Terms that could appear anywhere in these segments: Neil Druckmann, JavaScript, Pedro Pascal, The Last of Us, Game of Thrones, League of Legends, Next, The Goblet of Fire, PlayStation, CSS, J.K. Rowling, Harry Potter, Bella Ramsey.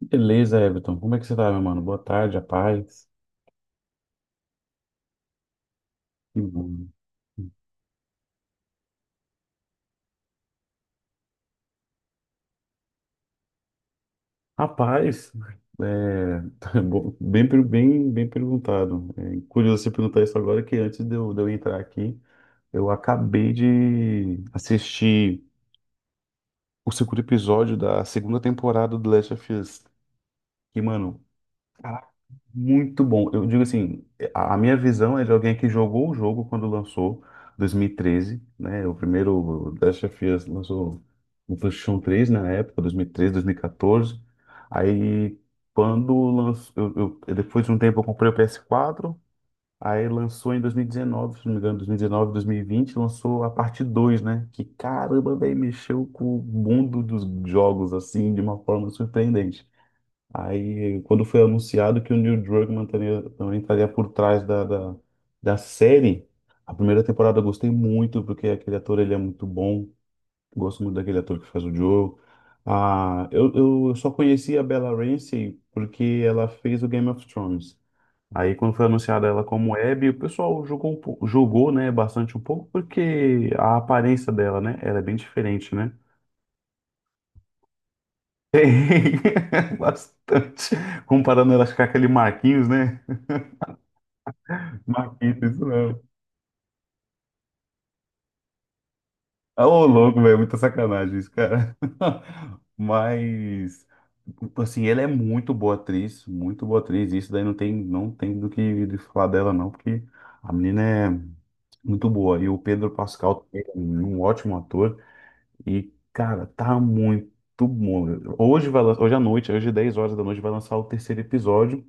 Beleza, Everton. Como é que você tá, meu mano? Boa tarde, a paz. Que bom. Rapaz, é, Bom. Bem perguntado. É curioso você perguntar isso agora, que antes de eu entrar aqui, eu acabei de assistir o segundo episódio da segunda temporada do The Last of Us. E, mano, muito bom. Eu digo assim, a minha visão é de alguém que jogou o jogo quando lançou, 2013, né? O primeiro Last of Us lançou no PlayStation 3 na época, 2013, 2014. Aí quando lançou, depois de um tempo eu comprei o PS4, aí lançou em 2019, se não me engano, 2019, 2020, lançou a parte dois, né? Que caramba, velho, mexeu com o mundo dos jogos assim de uma forma surpreendente. Aí, quando foi anunciado que o Neil Druckmann também estaria por trás da série, a primeira temporada eu gostei muito, porque aquele ator ele é muito bom. Gosto muito daquele ator que faz o Joe. Ah, eu só conheci a Bella Ramsey porque ela fez o Game of Thrones. Aí, quando foi anunciada ela como Abby, o pessoal julgou, né, bastante um pouco, porque a aparência dela, né, ela é bem diferente, né? Tem, bastante. Comparando ela com aquele Marquinhos, né? Marquito, isso não. Ah, ô, louco, velho, muita sacanagem isso, cara. Mas, assim, ela é muito boa atriz, muito boa atriz. Isso daí não tem, não tem do que de falar dela, não, porque a menina é muito boa. E o Pedro Pascal também é um ótimo ator. E, cara, tá muito bom. Hoje hoje à noite, hoje 10 horas da noite, vai lançar o terceiro episódio,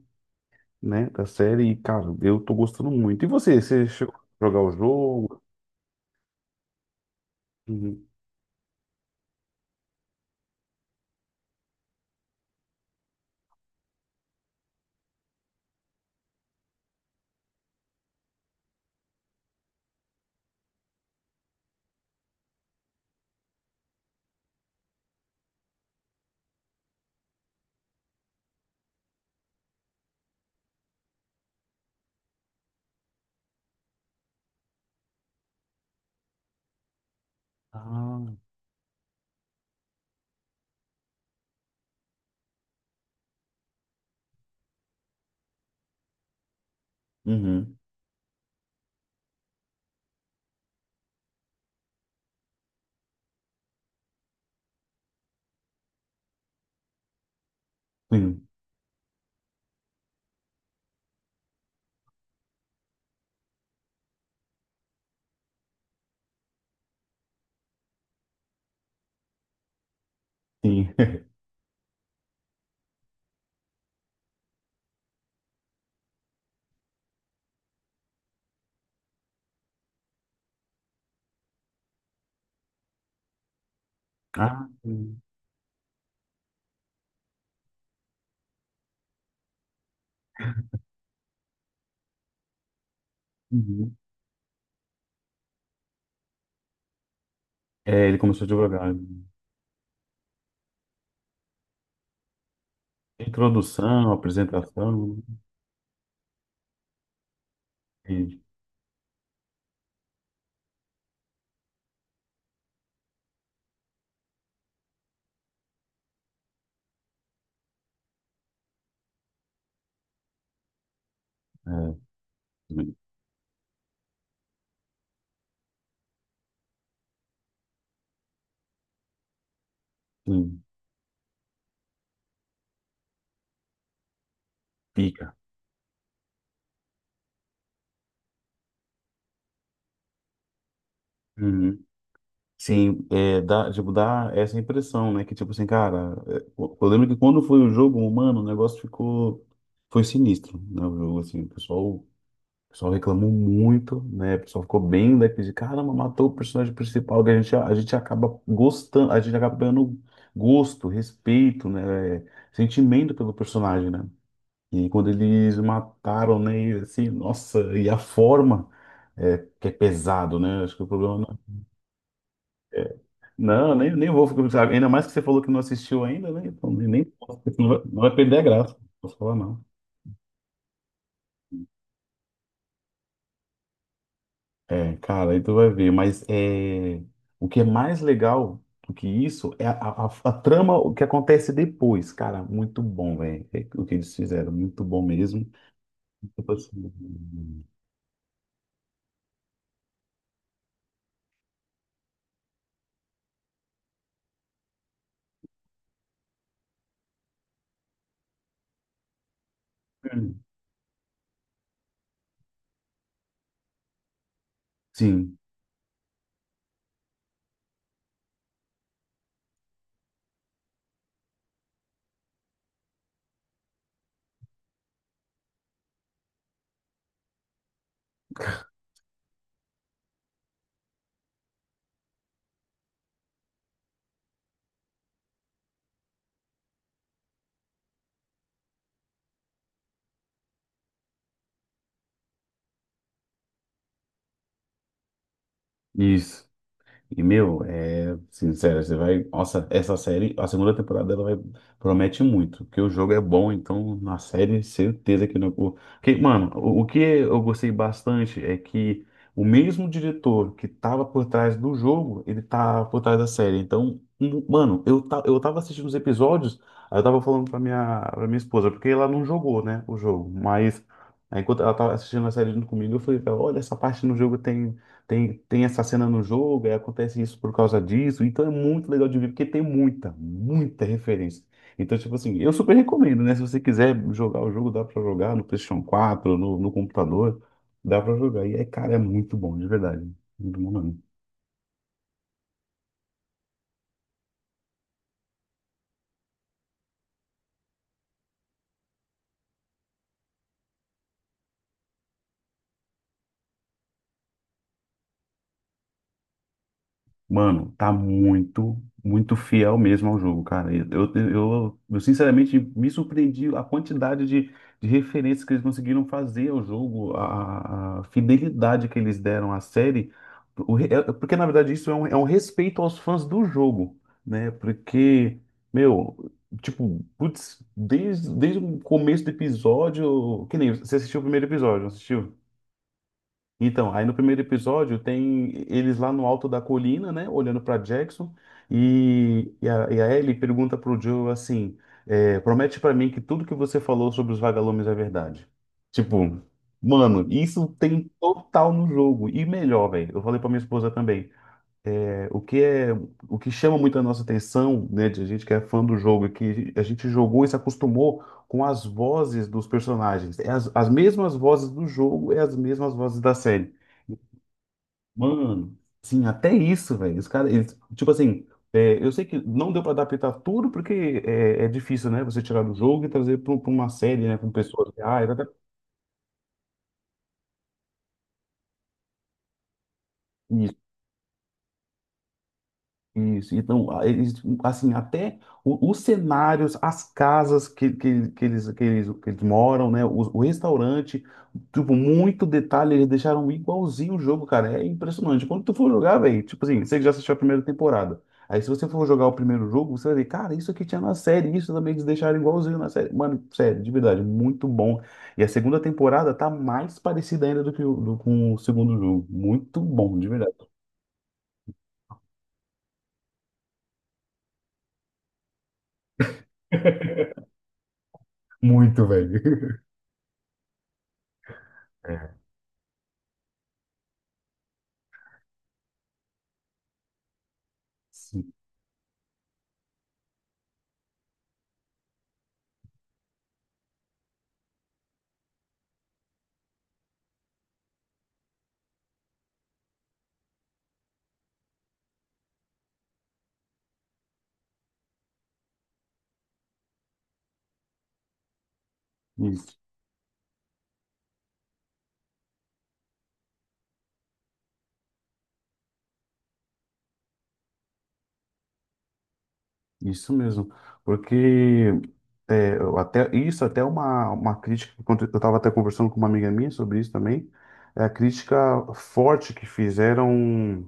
né, da série. E, cara, eu tô gostando muito. E você chegou a jogar o jogo? Uhum. Ah. Uhum. Sim, sim. Ah, sim. Uhum. É, ele começou a divulgar. Introdução, apresentação. E, é, sim, pica. Uhum. Sim, dá, tipo, dá essa impressão, né? Que, tipo assim, cara, eu lembro que quando foi o jogo humano, o negócio ficou. Foi sinistro, né? O jogo, assim, o pessoal reclamou muito, né? O pessoal ficou bem daqui de caramba, matou o personagem principal, que a gente acaba gostando, a gente acaba ganhando gosto, respeito, né? Sentimento pelo personagem, né? E quando eles mataram, né? E assim, nossa, e a forma que é pesado, né? Acho que o problema não é. Não, nem vou ficar. Ainda mais que você falou que não assistiu ainda, né? Então, não vai perder a graça. Não posso falar, não. É, cara, aí tu vai ver, mas o que é mais legal do que isso é a trama, o que acontece depois, cara, muito bom, velho. É o que eles fizeram, muito bom mesmo. Tipo assim, hum, sim, isso. E, meu, é sincero, você vai. Nossa, essa série, a segunda temporada, ela vai, promete muito, porque o jogo é bom, então na série, certeza que não. Que, mano, o que eu gostei bastante é que o mesmo diretor que tava por trás do jogo, ele tá por trás da série. Então, mano, eu tava assistindo os episódios, aí eu tava falando pra minha esposa, porque ela não jogou, né, o jogo, mas. Aí, enquanto ela tava assistindo a série junto comigo, eu falei pra ela, olha, essa parte no jogo tem. Tem essa cena no jogo, aí acontece isso por causa disso. Então é muito legal de ver, porque tem muita, muita referência. Então, tipo assim, eu super recomendo, né? Se você quiser jogar o jogo, dá pra jogar no PlayStation 4, no computador, dá pra jogar. E, cara, é muito bom, de verdade. Muito bom, mesmo. Mano, tá muito, muito fiel mesmo ao jogo, cara. Eu, sinceramente me surpreendi a quantidade de referências que eles conseguiram fazer ao jogo, a fidelidade que eles deram à série. Porque, na verdade, isso é um respeito aos fãs do jogo, né? Porque, meu, tipo, putz, desde o começo do episódio. Que nem você assistiu o primeiro episódio, não assistiu? Então, aí no primeiro episódio tem eles lá no alto da colina, né, olhando para Jackson, e a Ellie pergunta pro Joe assim, promete para mim que tudo que você falou sobre os vagalumes é verdade. Tipo, mano, isso tem total no jogo, e melhor, velho. Eu falei pra minha esposa também, é, o que é, o que chama muito a nossa atenção, né, de gente que é fã do jogo, é que a gente jogou e se acostumou com as vozes dos personagens. É as mesmas vozes do jogo, é as mesmas vozes da série. Mano, sim, até isso, velho. Os caras, eles, tipo assim, eu sei que não deu pra adaptar tudo porque é difícil, né? Você tirar do jogo e trazer pra uma série, né? Com pessoas reais. Isso, então, eles, assim, até os cenários, as casas que eles moram, né, o restaurante, tipo, muito detalhe, eles deixaram igualzinho o jogo, cara, é impressionante. Quando tu for jogar, velho, tipo assim, você que já assistiu a primeira temporada, aí se você for jogar o primeiro jogo, você vai ver, cara, isso aqui tinha na série, isso também eles deixaram igualzinho na série. Mano, sério, de verdade, muito bom. E a segunda temporada tá mais parecida ainda do que com o segundo jogo, muito bom, de verdade. Muito, velho. É. Isso, isso mesmo. Porque eu até isso até é uma crítica que quando eu estava até conversando com uma amiga minha sobre isso também, é a crítica forte que fizeram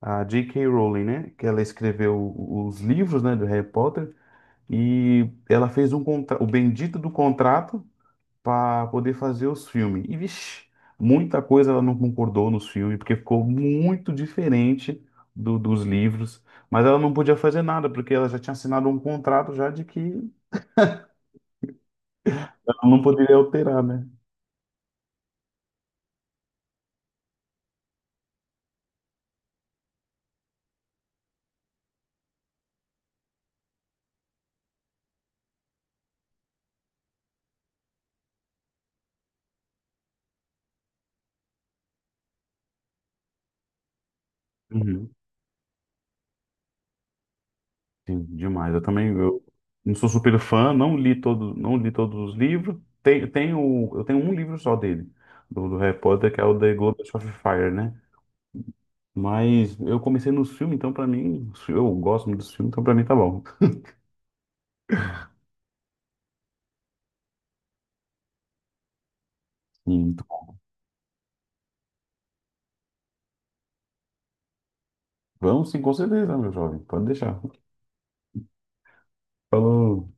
a J.K. Rowling, né? Que ela escreveu os livros, né, do Harry Potter e ela fez um contra o bendito do contrato para poder fazer os filmes. E, vixe, muita coisa ela não concordou nos filmes, porque ficou muito diferente dos livros. Mas ela não podia fazer nada, porque ela já tinha assinado um contrato já de que ela não poderia alterar, né? Uhum. Sim, demais. Eu também eu não sou super fã, não li todos os livros. Eu tenho um livro só dele, do Harry Potter, que é o The Goblet of Fire, né? Mas eu comecei nos filmes, então pra mim, eu gosto muito dos filmes, então pra mim tá bom. Sim. Vamos sim, com certeza, meu jovem. Pode deixar. Falou.